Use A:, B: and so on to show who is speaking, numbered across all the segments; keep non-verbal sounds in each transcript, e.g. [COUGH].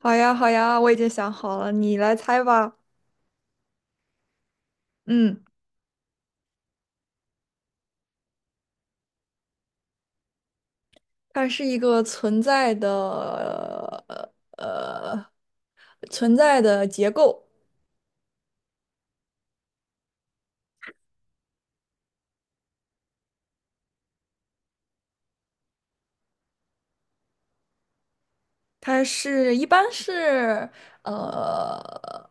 A: 好呀，好呀，我已经想好了，你来猜吧。嗯，它是一个存在的呃存在的结构，它是一般是呃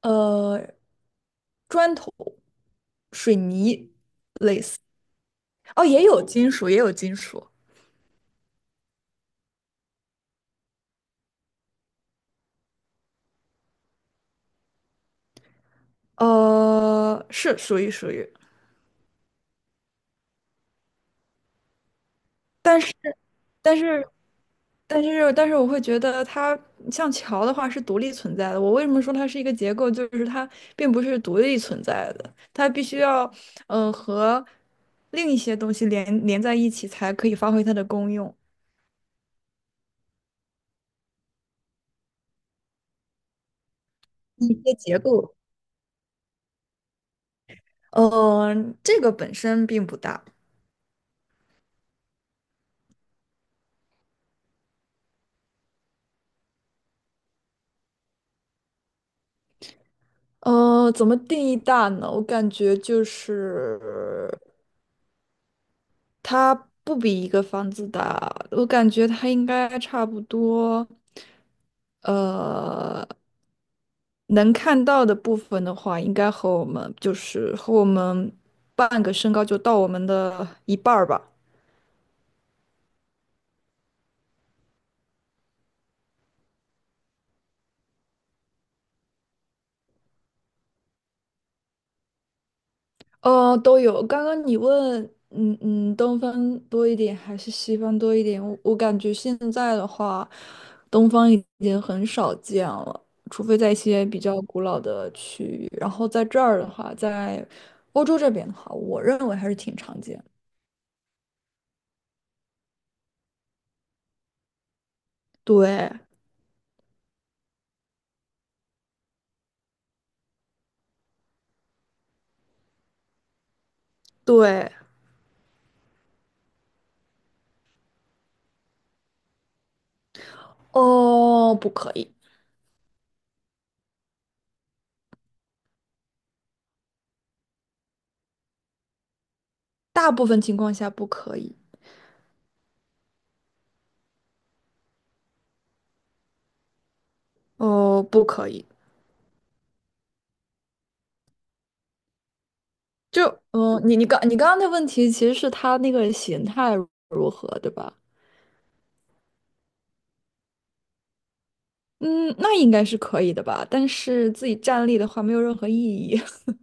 A: 呃砖头、水泥，哦，也有金属，也有金属，呃，是属于。但是，但是，我会觉得它像桥的话是独立存在的。我为什么说它是一个结构？就是它并不是独立存在的，它必须要嗯，呃，和另一些东西连在一起，才可以发挥它的功用。一些结构，嗯、这个本身并不大。呃，怎么定义大呢？我感觉就是它不比一个房子大，我感觉它应该差不多，呃，能看到的部分的话，应该和我们就是和我们半个身高就到我们的一半儿吧。呃，都有。刚刚你问，嗯嗯，东方多一点还是西方多一点？我感觉现在的话，东方已经很少见了，除非在一些比较古老的区域。然后在这儿的话，在欧洲这边的话，我认为还是挺常见的。对对，哦，不可以，大部分情况下不可以。哦，不可以，就嗯，你刚刚的问题其实是他那个形态如何，对吧？嗯，那应该是可以的吧？但是自己站立的话，没有任何意义。[LAUGHS]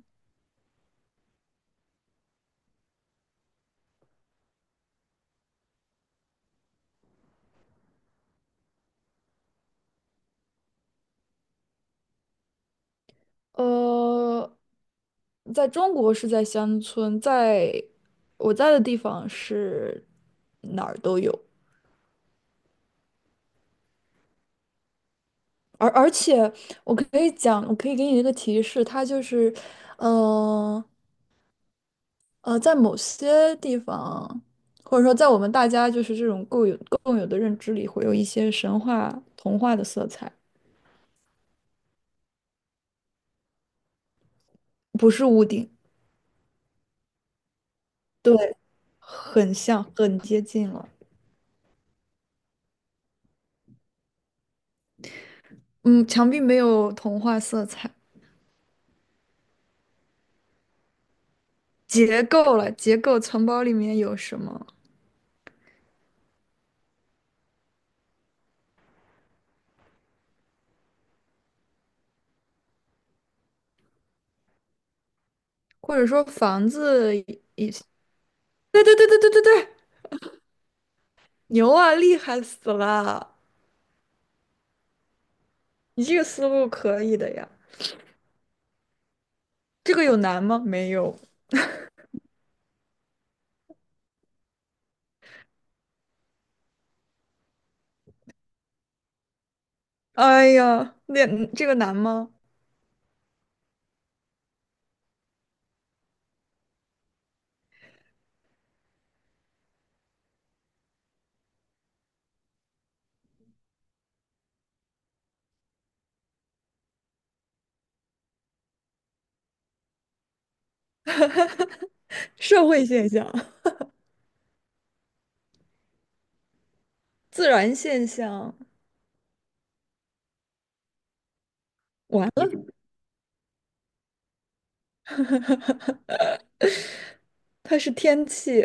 A: 呃，在中国是在乡村，在我在的地方是哪儿都有，而且我可以讲，我可以给你一个提示，它就是，呃，在某些地方，或者说在我们大家就是这种共有的认知里，会有一些神话童话的色彩，不是屋顶。对，很像，很接近了。嗯，墙壁没有童话色彩，结构了，结构城堡里面有什么？或者说房子？对对对对对对对，牛啊，厉害死了！你这个思路可以的呀。这个有难吗？没有。哎呀，那这个难吗？社会现象，[LAUGHS] 自然现象，完了，[LAUGHS] 它是天气，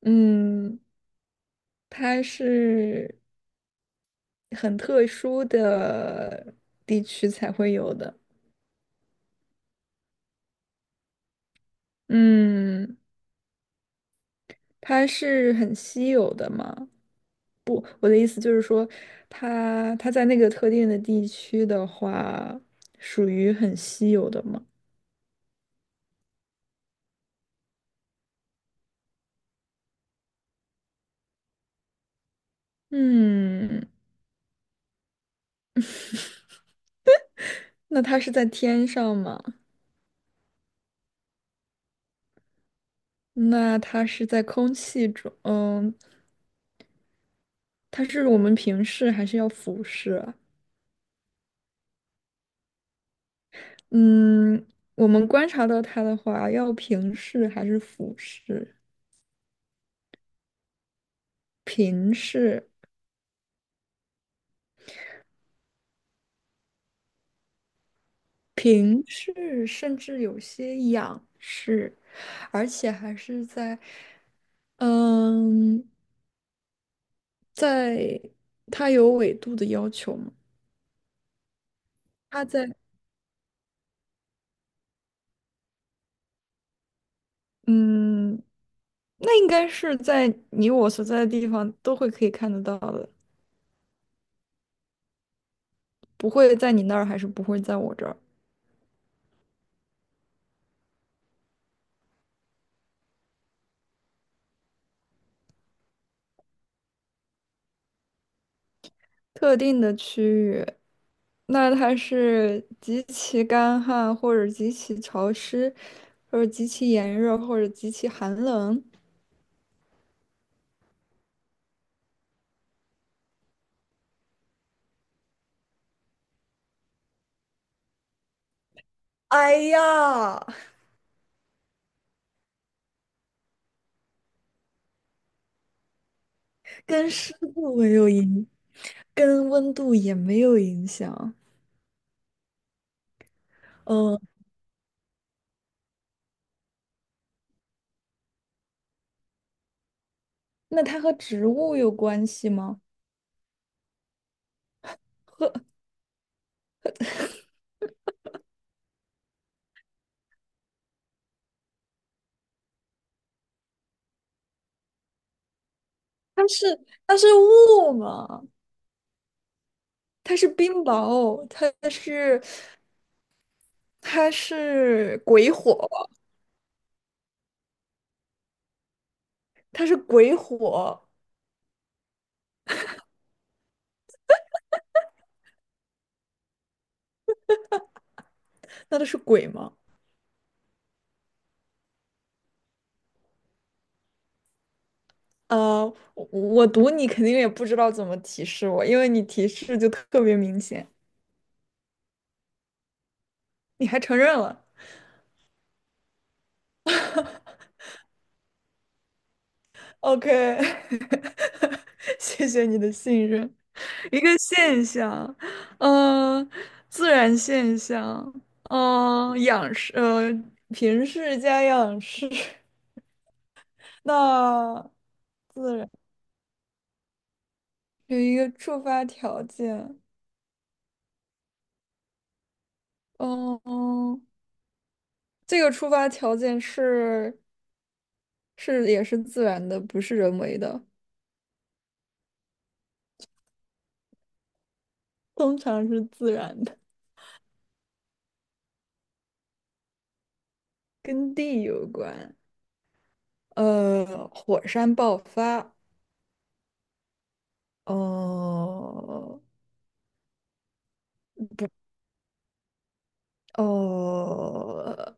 A: 嗯，它是。很特殊的地区才会有的。嗯，它是很稀有的嘛？我的意思就是说，它在那个特定的地区的话，属于很稀有的嘛？嗯，那它是在天上吗？那它是在空气中，嗯，它是我们平视还是要俯视啊嗯，我们观察到它的话，要平视还是俯视？平视。平视，甚至有些仰视，而且还是在，嗯，在它有纬度的要求吗？它在，嗯，那应该是在你我所在的地方都会可以看得到的，不会在你那儿，还是不会在我这儿。特定的区域，那它是极其干旱，或者极其潮湿，或者极其炎热，或者极其寒冷。哎呀！跟湿度没有影，跟温度也没有影响。嗯，那它和植物有关系吗？和是它是雾嘛，它是冰雹，它是它是鬼火，它是鬼火，那都是鬼吗？呃，我读你肯定也不知道怎么提示我，因为你提示就特别明显，你还承认了。OK，[LAUGHS] 谢谢你的信任。[LAUGHS] 一个现象，嗯，自然现象，嗯、仰视，呃，平视加仰视，[LAUGHS] 那自然有一个触发条件，嗯、这个触发条件是是也是自然的，不是人为的，通常是自然的，跟地有关，呃，火山爆发，哦，不，呃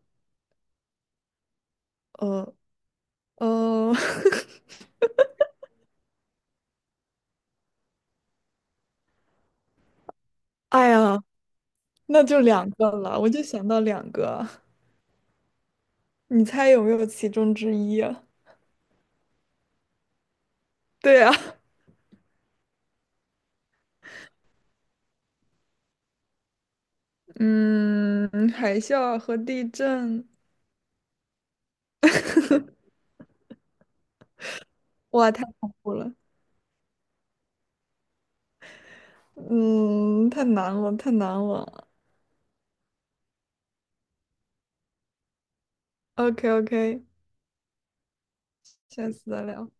A: 呃。呃，[LAUGHS] 哎呀，那就两个了，我就想到两个，你猜有没有其中之一啊 [LAUGHS] 对啊，嗯，海啸和地震，哇，太恐怖了，嗯，太难了，太难了。OK OK，下次再聊。